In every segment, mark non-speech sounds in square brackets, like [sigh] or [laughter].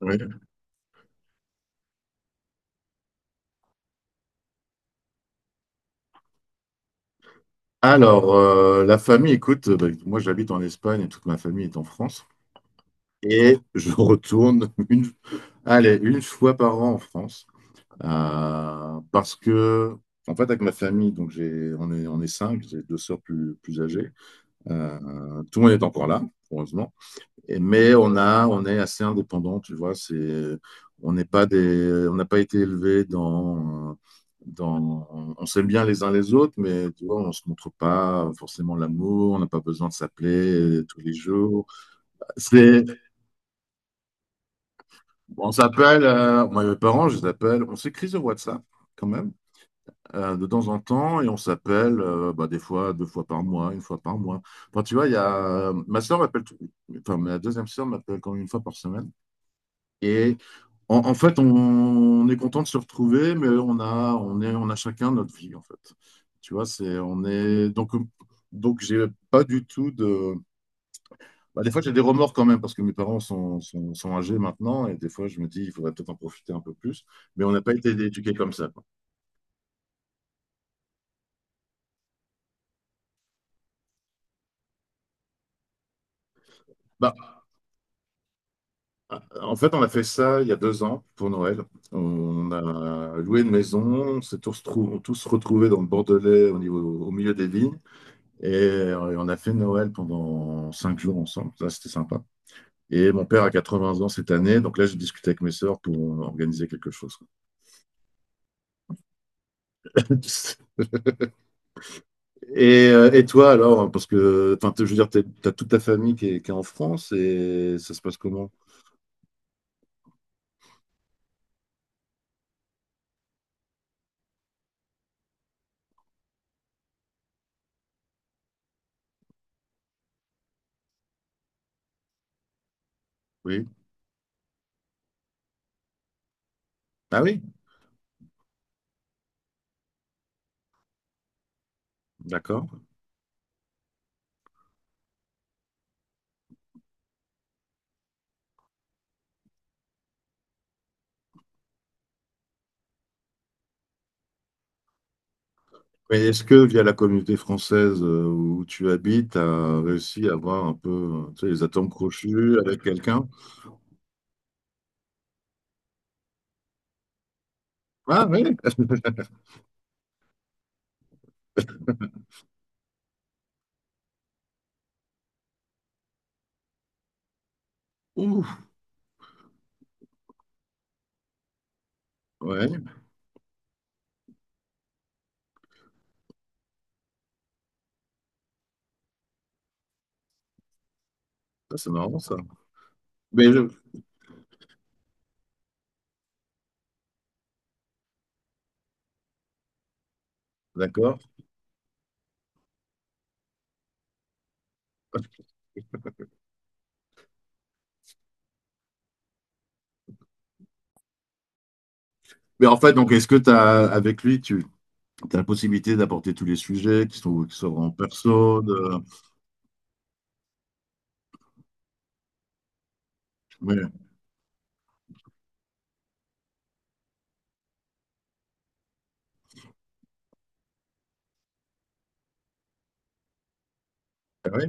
Oui. Alors, la famille, écoute, moi j'habite en Espagne et toute ma famille est en France. Et je retourne [laughs] une fois par an en France. Parce que, en fait, avec ma famille, on est 5, j'ai 2 sœurs plus âgées. Tout le monde est encore là, heureusement. Mais on est assez indépendant, tu vois. On n'est pas des, on n'a pas été élevés on s'aime bien les uns les autres, mais tu vois, on se montre pas forcément l'amour. On n'a pas besoin de s'appeler tous les jours. C'est, on s'appelle, moi et mes parents, je les appelle. On s'écrit sur WhatsApp quand même de temps en temps et on s'appelle des fois 2 fois par mois, 1 fois par mois. Enfin, tu vois, ma soeur m'appelle, enfin ma deuxième soeur m'appelle quand même 1 fois par semaine. Et en fait, on est content de se retrouver, mais on a chacun notre vie, en fait. Tu vois, c'est, on est, donc j'ai pas du tout de. Bah, des fois, j'ai des remords quand même parce que mes parents sont âgés maintenant et des fois, je me dis, il faudrait peut-être en profiter un peu plus. Mais on n'a pas été éduqués comme ça. Quoi. Bah, en fait, on a fait ça il y a 2 ans pour Noël. On a loué une maison, on s'est tous, trou- tous retrouvés dans le Bordelais, au milieu des vignes. On a fait Noël pendant 5 jours ensemble. Ça, c'était sympa. Et mon père a 80 ans cette année, donc là j'ai discuté avec mes sœurs pour organiser quelque chose. [laughs] Et et toi alors, parce que enfin, je veux dire, tu as toute ta famille qui est en France et ça se passe comment? Oui. Ah oui, d'accord. Mais est-ce que via la communauté française où tu habites, tu as réussi à avoir un peu tu sais, les atomes crochus avec quelqu'un? Ah oui, Ouh, ouais, Ça, c'est marrant ça. Mais je- d'accord. Mais en fait, donc est-ce que tu as avec lui, tu as la possibilité d'apporter tous les sujets qui sont en perso de... Oui, ah oui.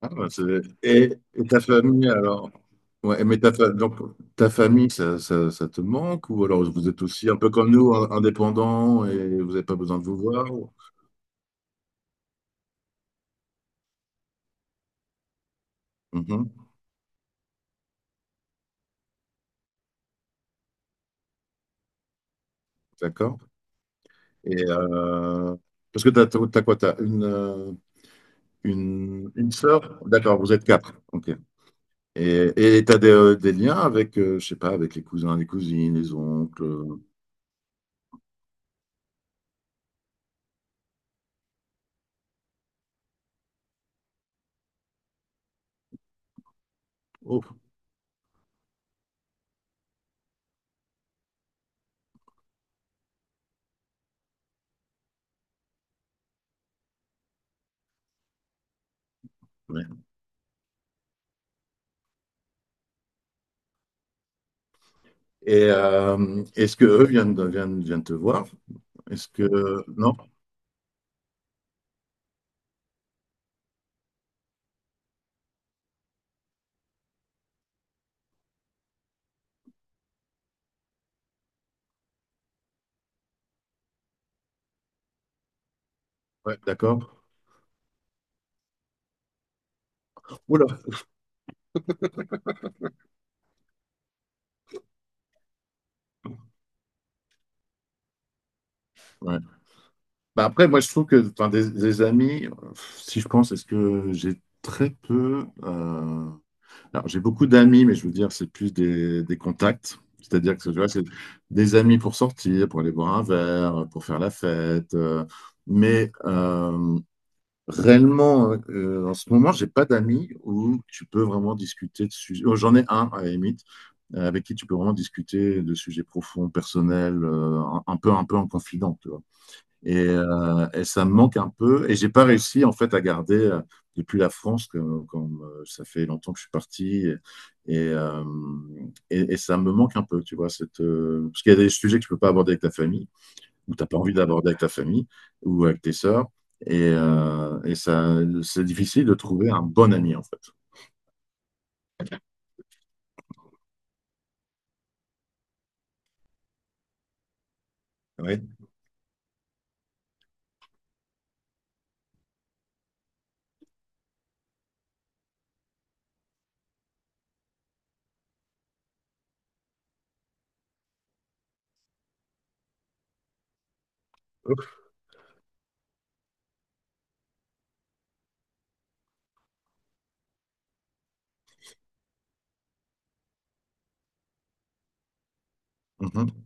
Et ta famille alors? Ouais, mais ta, fa- donc, ta famille, ça te manque? Ou alors vous êtes aussi un peu comme nous, indépendants et vous n'avez pas besoin de vous voir? Mhm, d'accord. Et parce que t'as quoi? T'as une sœur? D'accord, vous êtes quatre. Ok. Et, et t'as des liens avec, je sais pas, avec les cousins, les cousines, les oncles. Oh, ouais. Et est-ce que eux viennent te voir? Est-ce que non? Ouais, d'accord. Oula. Ouais. Bah après, moi, je trouve que enfin, des amis, si je pense, est-ce que j'ai très peu. Alors, j'ai beaucoup d'amis, mais je veux dire, c'est plus des contacts. C'est-à-dire que tu vois, c'est des amis pour sortir, pour aller boire un verre, pour faire la fête. Mais réellement, en ce moment, j'ai pas d'amis où tu peux vraiment discuter de sujets. Oh, j'en ai un, à la limite, avec qui tu peux vraiment discuter de sujets profonds, personnels, un peu en confident. Et ça me manque un peu. Et j'ai pas réussi en fait à garder depuis la France, que- comme ça fait longtemps que je suis parti, et, euh, et ça me manque un peu, tu vois, parce qu'il y a des sujets que tu peux pas aborder avec ta famille, ou t'as pas envie d'aborder avec ta famille, ou avec tes sœurs, et ça, c'est difficile de trouver un bon ami en fait. Oui. Mhm.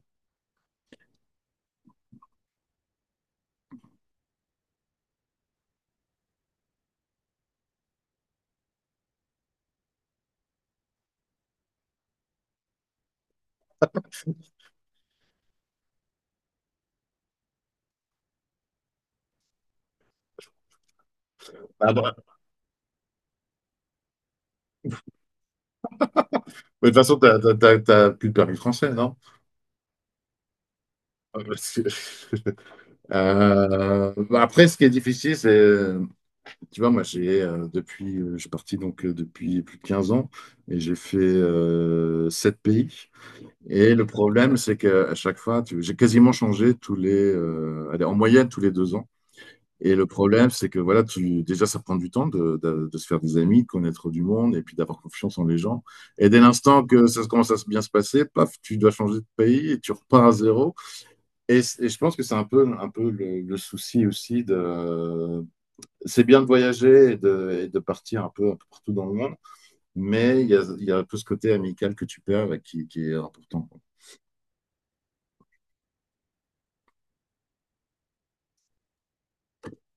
Mais de toute façon, t'as plus de permis français, non? [laughs] Ah, bah, bah après, ce qui est difficile, c'est tu vois, moi, je suis parti depuis plus de 15 ans et j'ai fait 7 pays. Et le problème, c'est qu'à chaque fois, j'ai quasiment changé tous les, en moyenne tous les 2 ans. Et le problème, c'est que voilà, tu, déjà, ça prend du temps de se faire des amis, de connaître du monde et puis d'avoir confiance en les gens. Et dès l'instant que ça commence à se bien se passer, paf, tu dois changer de pays et tu repars à zéro. Et je pense que c'est un peu le souci aussi de, c'est bien de voyager et de partir un peu, partout dans le monde, mais il y a un peu ce côté amical que tu perds et qui est important. Quoi.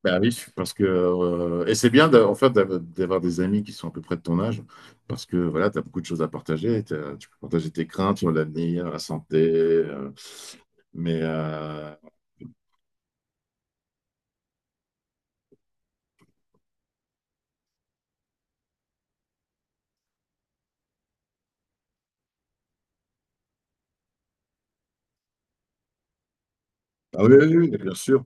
Bah oui, parce que et c'est bien d'avoir des amis qui sont à peu près de ton âge, parce que voilà, tu as beaucoup de choses à partager, tu peux partager tes craintes sur l'avenir, la santé, mais ah oui, oui, oui, bien sûr.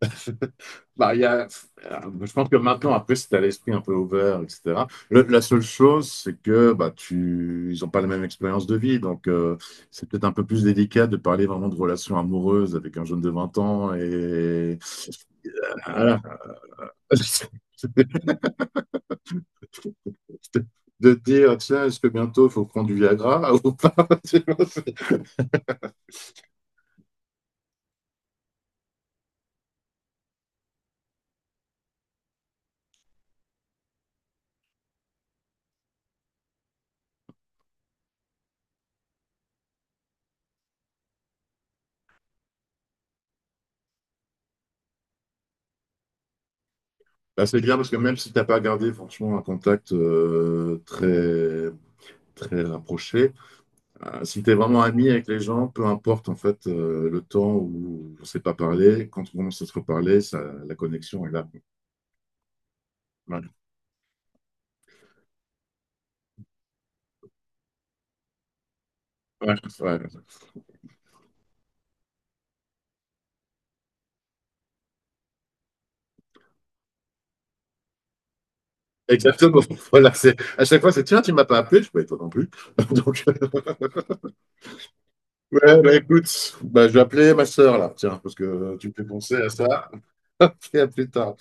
[laughs] Bah, il y a- je pense que maintenant, après, si tu as l'esprit un peu ouvert, etc., la seule chose, c'est que bah, tu, ils n'ont pas la même expérience de vie. Donc, c'est peut-être un peu plus délicat de parler vraiment de relations amoureuses avec un jeune de 20 ans et voilà. [laughs] de te dire, tiens, est-ce que bientôt, il faut prendre du Viagra ou pas? [laughs] Tu vois, c'est bah, c'est bien parce que même si tu n'as pas gardé franchement un contact très rapproché, si tu es vraiment ami avec les gens, peu importe en fait le temps où on ne s'est pas parlé, quand on commence à se reparler, ça, la connexion est là. Ouais, ouais, ouais. Exactement. [laughs] Voilà, à chaque fois, c'est tiens, tu m'as pas appelé, je peux toi non plus. [laughs] Donc, ouais, bah, écoute, bah, je vais appeler ma sœur là, tiens, parce que tu me fais penser à ça. [laughs] Ok, à plus tard.